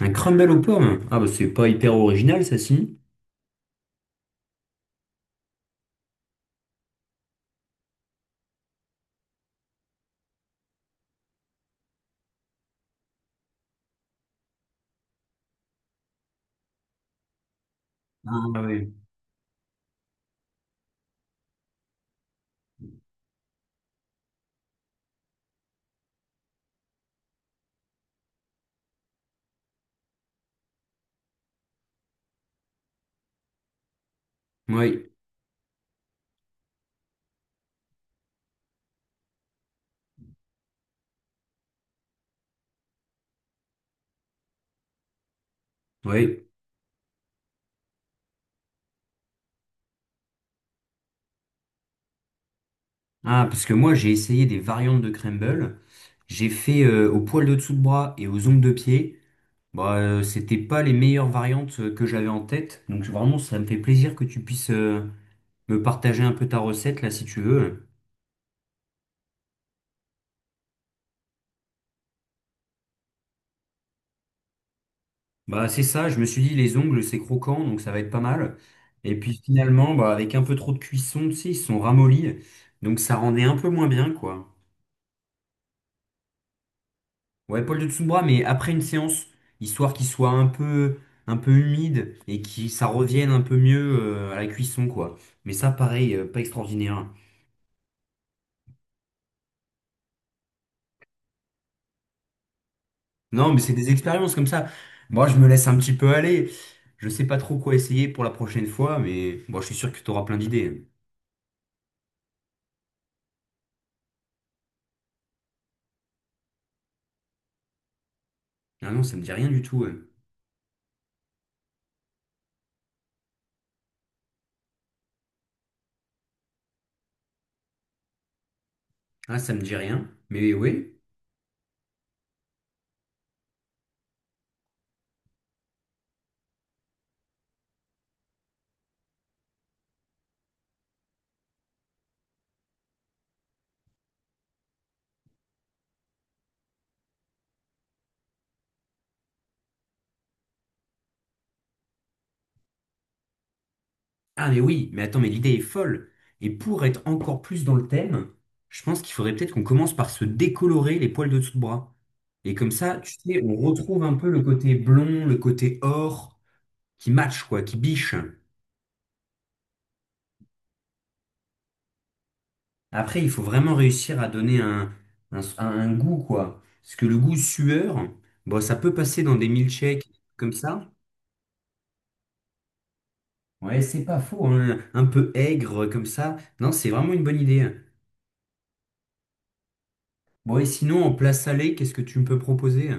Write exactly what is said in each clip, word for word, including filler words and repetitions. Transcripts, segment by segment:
Un crumble aux pommes? Ah bah c'est pas hyper original ça si. Ah oui. Oui, oui. Ah parce que moi j'ai essayé des variantes de crumble. J'ai fait euh, au poil de dessous de bras et aux ongles de pied. Bah euh, c'était pas les meilleures variantes euh, que j'avais en tête. Donc vraiment ça me fait plaisir que tu puisses euh, me partager un peu ta recette là si tu veux. Bah c'est ça, je me suis dit les ongles c'est croquant donc ça va être pas mal. Et puis finalement bah avec un peu trop de cuisson tu sais ils se sont ramollis. Donc ça rendait un peu moins bien quoi. Ouais, Paul de Tsoumbra, mais après une séance, histoire qu'il soit un peu, un peu humide et que ça revienne un peu mieux euh, à la cuisson, quoi. Mais ça, pareil, euh, pas extraordinaire, hein. Non, mais c'est des expériences comme ça. Moi, je me laisse un petit peu aller. Je sais pas trop quoi essayer pour la prochaine fois, mais bon, je suis sûr que tu auras plein d'idées, hein. Ah non, ça me dit rien du tout, ouais. Ah, ça me dit rien. Mais oui. Ah mais oui, mais attends, mais l'idée est folle. Et pour être encore plus dans le thème, je pense qu'il faudrait peut-être qu'on commence par se décolorer les poils de dessous de bras. Et comme ça, tu sais, on retrouve un peu le côté blond, le côté or, qui match, quoi, qui biche. Après, il faut vraiment réussir à donner un, un, un goût, quoi. Parce que le goût sueur, bon, ça peut passer dans des milkshakes comme ça. Ouais, c'est pas faux, hein, un peu aigre comme ça. Non, c'est vraiment une bonne idée. Bon, et sinon, en plat salé, qu'est-ce que tu me peux proposer?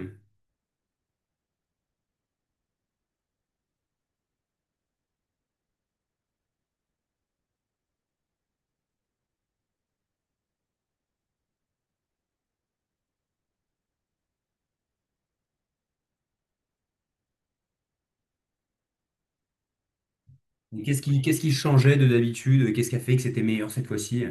Et Qu'est-ce qui, qu'est-ce qui changeait de d'habitude? Qu'est-ce qui a fait que c'était meilleur cette fois-ci?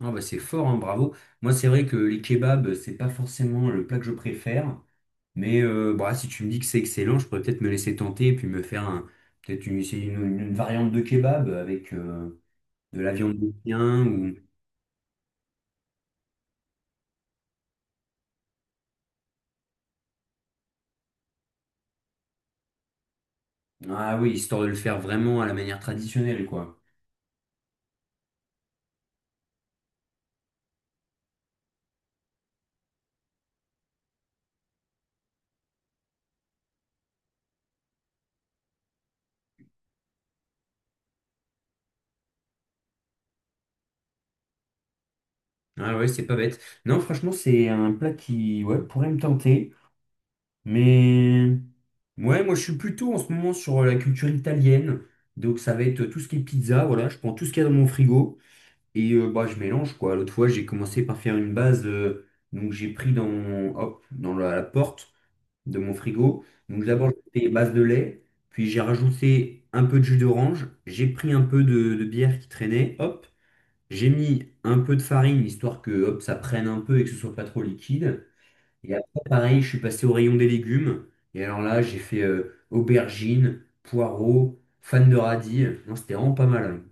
Ah bah c'est fort, hein, bravo. Moi, c'est vrai que les kebabs, c'est pas forcément le plat que je préfère. Mais euh, bah, si tu me dis que c'est excellent, je pourrais peut-être me laisser tenter et puis me faire un- peut-être une, essayer une, une- une variante de kebab avec euh, de la viande de chien ou... Ah oui, histoire de le faire vraiment à la manière traditionnelle, quoi. Ah ouais, c'est pas bête. Non, franchement, c'est un plat qui ouais, pourrait me tenter. Mais... Ouais, moi je suis plutôt en ce moment sur euh, la culture italienne. Donc ça va être euh, tout ce qui est pizza, voilà, je prends tout ce qu'il y a dans mon frigo et euh, bah, je mélange quoi. L'autre fois j'ai commencé par faire une base, euh, donc j'ai pris dans mon- hop, dans la, la porte de mon frigo. Donc d'abord j'ai fait base de lait, puis j'ai rajouté un peu de jus d'orange, j'ai pris un peu de, de bière qui traînait, hop, j'ai mis un peu de farine histoire que hop, ça prenne un peu et que ce soit pas trop liquide. Et après, pareil, je suis passé au rayon des légumes. Et alors là, j'ai fait euh, aubergines, poireaux, fan de radis. Non, c'était vraiment pas mal, hein.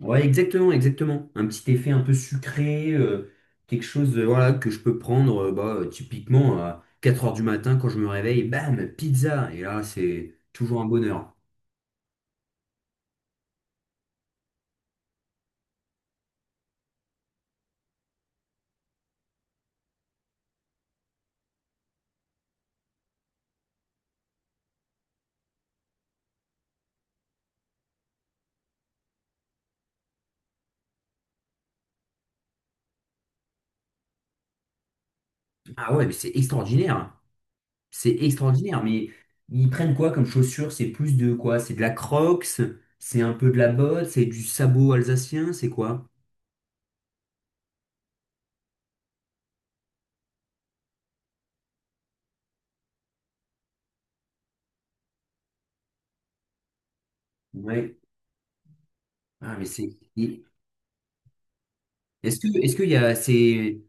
Ouais, exactement, exactement. Un petit effet un peu sucré, euh, quelque chose euh, voilà, que je peux prendre euh, bah, euh, typiquement à quatre heures du matin quand je me réveille. Bam, pizza. Et là, c'est toujours un bonheur. Ah ouais, mais c'est extraordinaire, hein. C'est extraordinaire. Mais ils prennent quoi comme chaussures? C'est plus de quoi? C'est de la Crocs? C'est un peu de la botte? C'est du sabot alsacien? C'est quoi? Ouais. Ah, mais c'est. Et- Est-ce que, est-ce qu'il y a, c'est,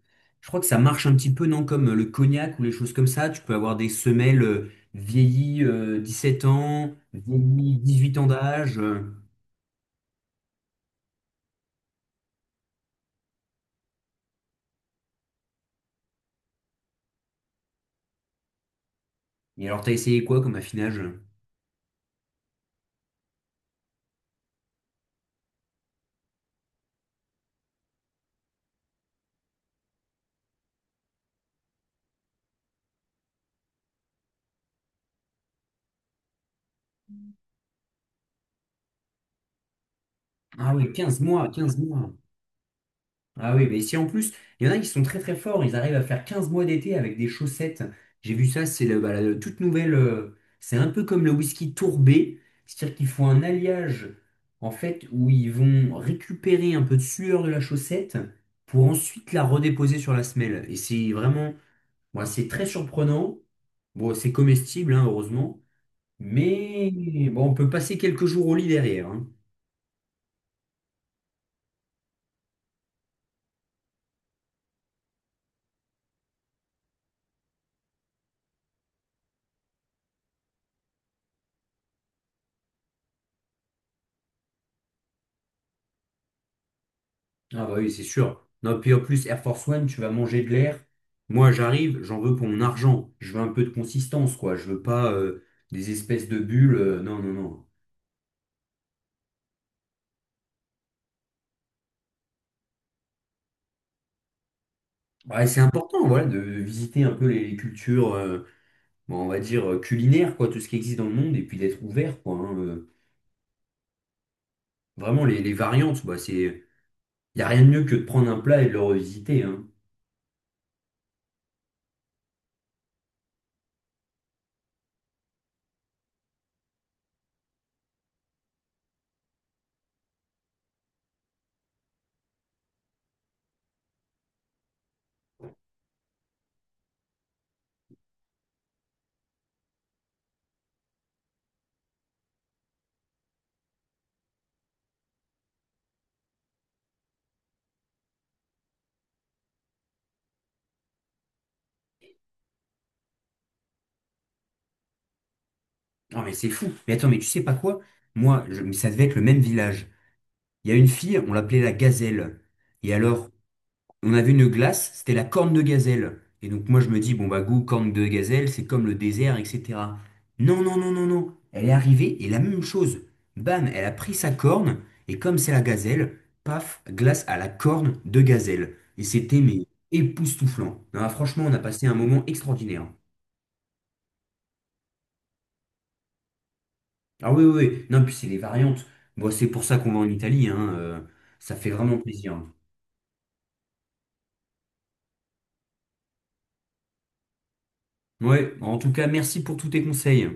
je crois que ça marche un petit peu, non, comme euh, le cognac ou les choses comme ça. Tu peux avoir des semelles euh, vieillies euh, dix-sept ans, vieillies huit ans d'âge, euh. Et alors, t'as essayé quoi comme affinage? Ah oui, quinze mois, quinze mois. Ah oui, mais si en plus, il y en a qui sont très très forts, ils arrivent à faire quinze mois d'été avec des chaussettes. J'ai vu ça, c'est le- bah, la toute nouvelle, euh, c'est un peu comme le whisky tourbé, c'est-à-dire qu'ils font un alliage en fait où ils vont récupérer un peu de sueur de la chaussette pour ensuite la redéposer sur la semelle. Et c'est vraiment, bon, c'est très surprenant. Bon, c'est comestible, hein, heureusement, mais bon, on peut passer quelques jours au lit derrière, hein. Ah bah oui, c'est sûr. Non, puis en plus, Air Force One, tu vas manger de l'air. Moi, j'arrive, j'en veux pour mon argent. Je veux un peu de consistance, quoi. Je veux pas euh, des espèces de bulles, euh, non, non, non. Ouais, c'est important, voilà, de visiter un peu les, les cultures, euh, bon, on va dire, euh, culinaires, quoi, tout ce qui existe dans le monde, et puis d'être ouvert, quoi, hein, euh. vraiment, les, les variantes, bah, c'est... Il n'y a rien de mieux que de prendre un plat et de le revisiter, hein. Non, mais c'est fou. Mais attends, mais tu sais pas quoi? Moi, je- mais ça devait être le même village. Il y a une fille, on l'appelait la gazelle. Et alors, on a vu une glace, c'était la corne de gazelle. Et donc moi je me dis, bon bah goût corne de gazelle, c'est comme le désert, et cetera. Non, non, non, non, non. Elle est arrivée et la même chose. Bam, elle a pris sa corne et comme c'est la gazelle, paf, glace à la corne de gazelle. Et c'était mais époustouflant. Non, ah, franchement, on a passé un moment extraordinaire. Ah oui, oui, oui. Non, puis c'est les variantes. Bon, c'est pour ça qu'on va en Italie, hein, euh, ça fait vraiment plaisir. Ouais, en tout cas, merci pour tous tes conseils.